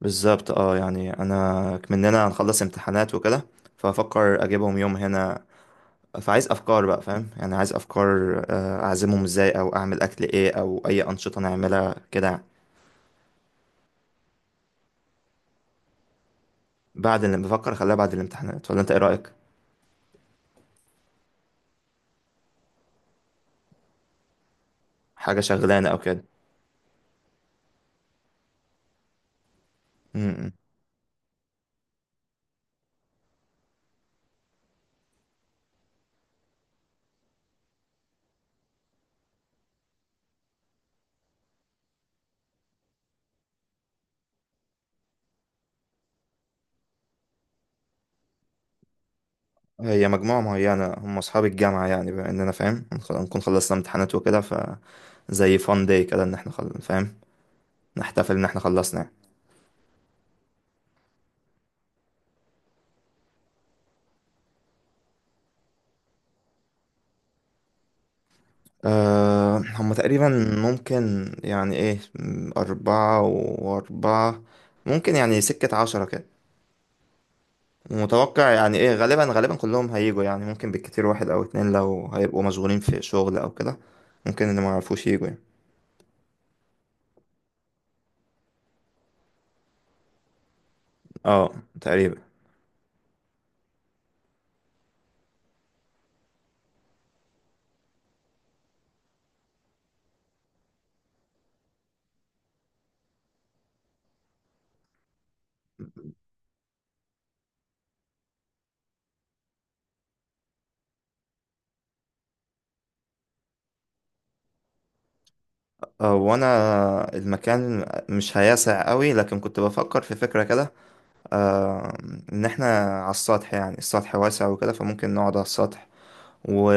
بالظبط، يعني انا مننا هنخلص امتحانات وكده، فافكر اجيبهم يوم هنا. فعايز افكار بقى، فاهم؟ يعني عايز افكار، اعزمهم ازاي، او اعمل اكل ايه، او اي انشطة نعملها كده يعني. بعد، اللي بفكر اخليها بعد الامتحانات، ولا انت ايه رأيك؟ حاجة شغلانة او كده. م- م. هي مجموعة معينة، هم اصحاب الجامعة يعني، بما اننا فاهم، هنكون خلصنا امتحانات وكده، ف زي فان داي كده، ان احنا فاهم، نحتفل ان احنا خلصنا يعني. هم تقريبا، ممكن يعني ايه، أربعة وأربعة، ممكن يعني سكة 10 كده، ومتوقع يعني ايه، غالبا غالبا كلهم هيجوا يعني، ممكن بالكتير واحد أو اتنين لو هيبقوا مشغولين في شغل أو كده. ممكن اللي معرفوش يجوا يعني. اه، تقريبا. وأنا، المكان مش هياسع قوي، لكن كنت بفكر في فكرة كده. أه إن احنا على السطح، يعني السطح واسع وكده، فممكن نقعد على السطح و،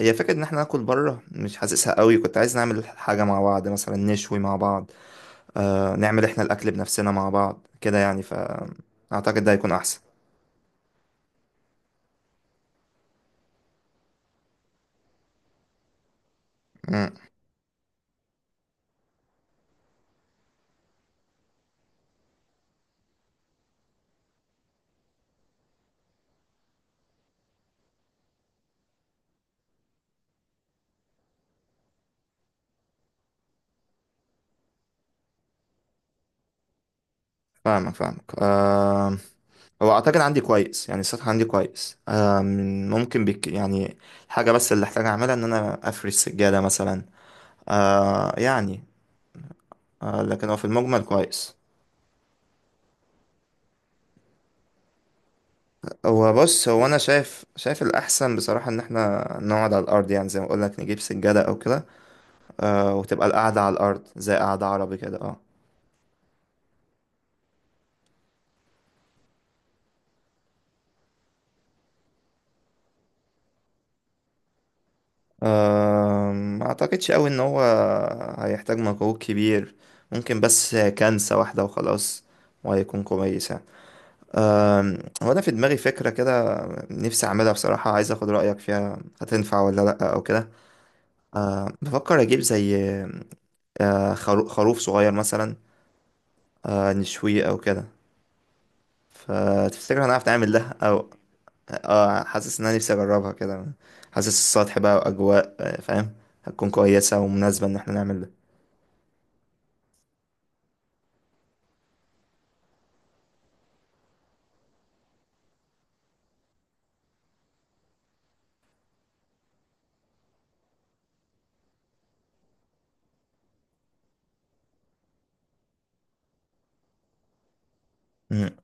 هي فكرة إن احنا ناكل بره، مش حاسسها قوي. كنت عايز نعمل حاجة مع بعض مثلا، نشوي مع بعض، نعمل احنا الأكل بنفسنا مع بعض كده يعني، فأعتقد ده هيكون أحسن. مم، فاهمك فاهمك. هو أعتقد عندي كويس، يعني السطح عندي كويس. ممكن بك يعني. الحاجة بس اللي أحتاج أعملها إن أنا أفرش سجادة مثلا، يعني. لكن هو في المجمل كويس. هو بص، هو انا شايف الاحسن بصراحه، ان احنا نقعد على الارض يعني، زي ما اقول لك نجيب سجاده او كده. وتبقى القعده على الارض، زي قعده عربي كده اه ما اعتقدش قوي ان هو هيحتاج مجهود كبير. ممكن بس كنسه واحده وخلاص، وهيكون كويس يعني. هو انا في دماغي فكره كده نفسي اعملها بصراحه، عايز اخد رايك فيها هتنفع ولا لا او كده؟ بفكر اجيب زي، خروف صغير مثلا، نشويه او كده. فتفتكر هنعرف نعمل ده او؟ اه حاسس ان انا نفسي اجربها كده، حاسس السطح بقى واجواء، فاهم، هتكون كويسة ومناسبة ان احنا نعمل ده. مم،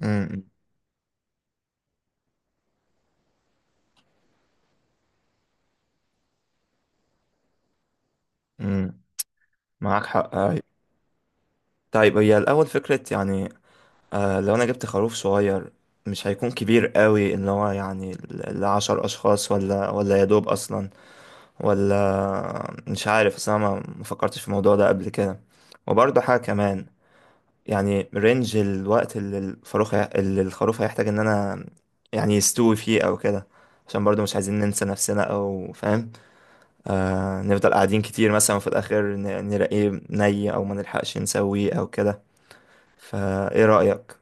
مم، مم. معاك حق، أيوة. طيب هي الأول فكرة يعني، لو أنا جبت خروف صغير مش هيكون كبير قوي، اللي هو يعني لعشر أشخاص، ولا يا دوب أصلا، ولا مش عارف. أصل أنا ما فكرتش في الموضوع ده قبل كده. وبرضه حاجة كمان، يعني رينج الوقت اللي الخروف هيحتاج ان انا يعني يستوي فيه او كده، عشان برضو مش عايزين ننسى نفسنا او فاهم، نفضل قاعدين كتير مثلا، وفي الاخر نلاقيه ني او ما نلحقش نسويه او كده. فايه رأيك؟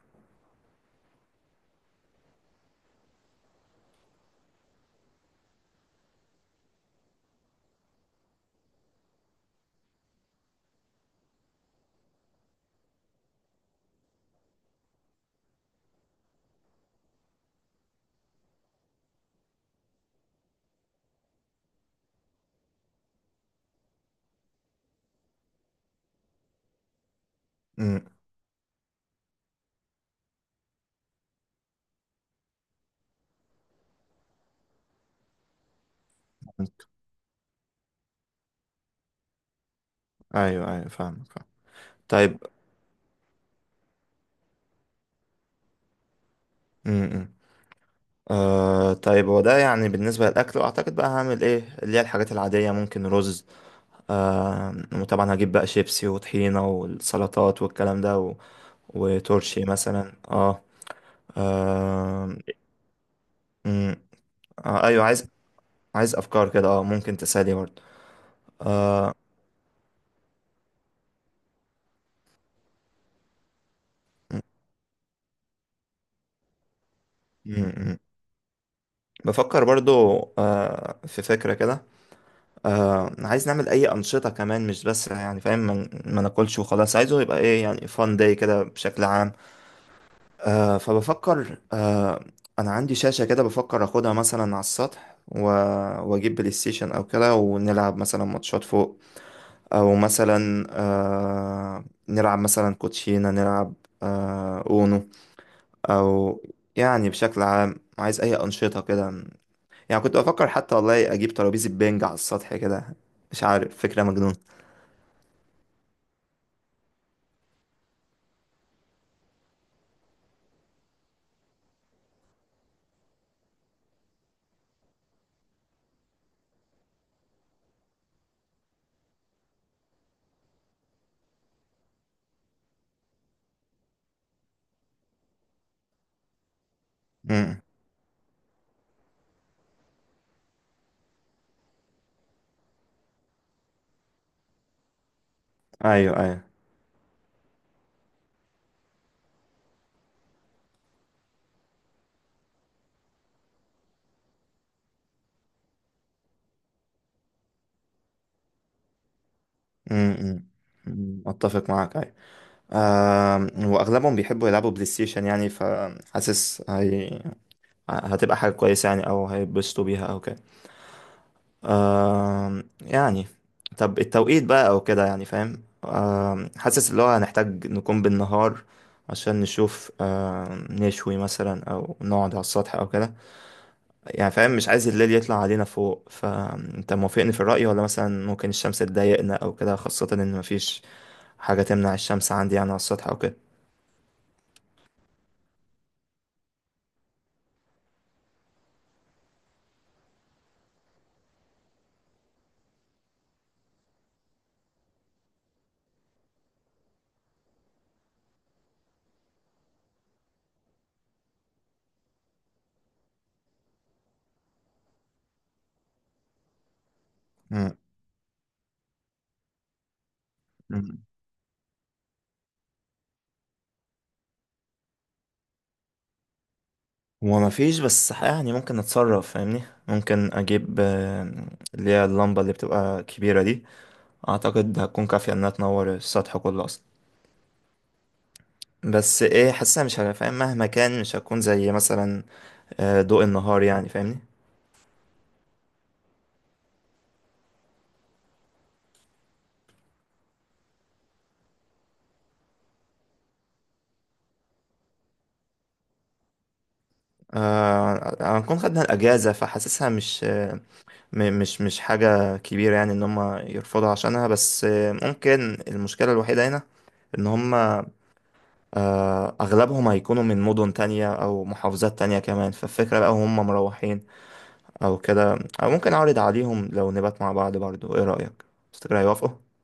امم ايوه ايوه، فاهمك فاهم. طيب، امم طيب، هو ده يعني بالنسبة للأكل، وأعتقد بقى هعمل إيه اللي هي الحاجات العادية، ممكن رز، وطبعا هجيب بقى شيبسي، وطحينة، والسلطات والكلام ده، وتورشي مثلا اه آه مم. ايوه، عايز افكار كده، ممكن تسالي برضه. مم، مم. بفكر برضه، في فكره كده، عايز نعمل اي انشطه كمان، مش بس يعني فاهم ما ناكلش وخلاص، عايزه يبقى ايه يعني فان داي كده بشكل عام. فبفكر، انا عندي شاشه كده بفكر اخدها مثلا على السطح، واجيب بلاي ستيشن او كده، ونلعب مثلا ماتشات فوق، او مثلا نلعب مثلا كوتشينة، نلعب اونو، او، يعني بشكل عام عايز اي انشطة كده. يعني كنت بفكر حتى والله اجيب ترابيزة بينج على السطح كده، مش عارف، فكرة مجنون. امم ايوه ايوه، امم أمم، اتفق معاك، ايوه آه واغلبهم بيحبوا يلعبوا بلاي ستيشن يعني، فحاسس هي هتبقى حاجة كويسة يعني، او هيتبسطوا بيها او كده. يعني. طب التوقيت بقى او كده، يعني فاهم، حاسس اللي هو هنحتاج نكون بالنهار، عشان نشوف، نشوي مثلا، او نقعد على السطح او كده، يعني فاهم مش عايز الليل يطلع علينا فوق. فانت موافقني في الرأي، ولا مثلا ممكن الشمس تضايقنا او كده، خاصة ان مفيش حاجة تمنع الشمس عندي يعني على السطح او كده؟ مم. مم. هو مفيش، بس يعني ممكن نتصرف فاهمني. ممكن اجيب اللي هي اللمبة اللي بتبقى كبيرة دي، اعتقد هتكون كافية انها تنور السطح كله اصلا. بس ايه، حاسسها مش هبقى فاهم، مهما كان مش هتكون زي مثلا ضوء النهار، يعني فاهمني. هنكون خدنا الاجازة، فحاسسها مش، مش حاجة كبيرة يعني ان هم يرفضوا عشانها. بس ممكن المشكلة الوحيدة هنا ان هم، اغلبهم هيكونوا من مدن تانية او محافظات تانية كمان، فالفكرة بقى هم مروحين او كده. او ممكن اعرض عليهم لو نبات مع بعض برضو، ايه رأيك؟ تفتكر هيوافقوا؟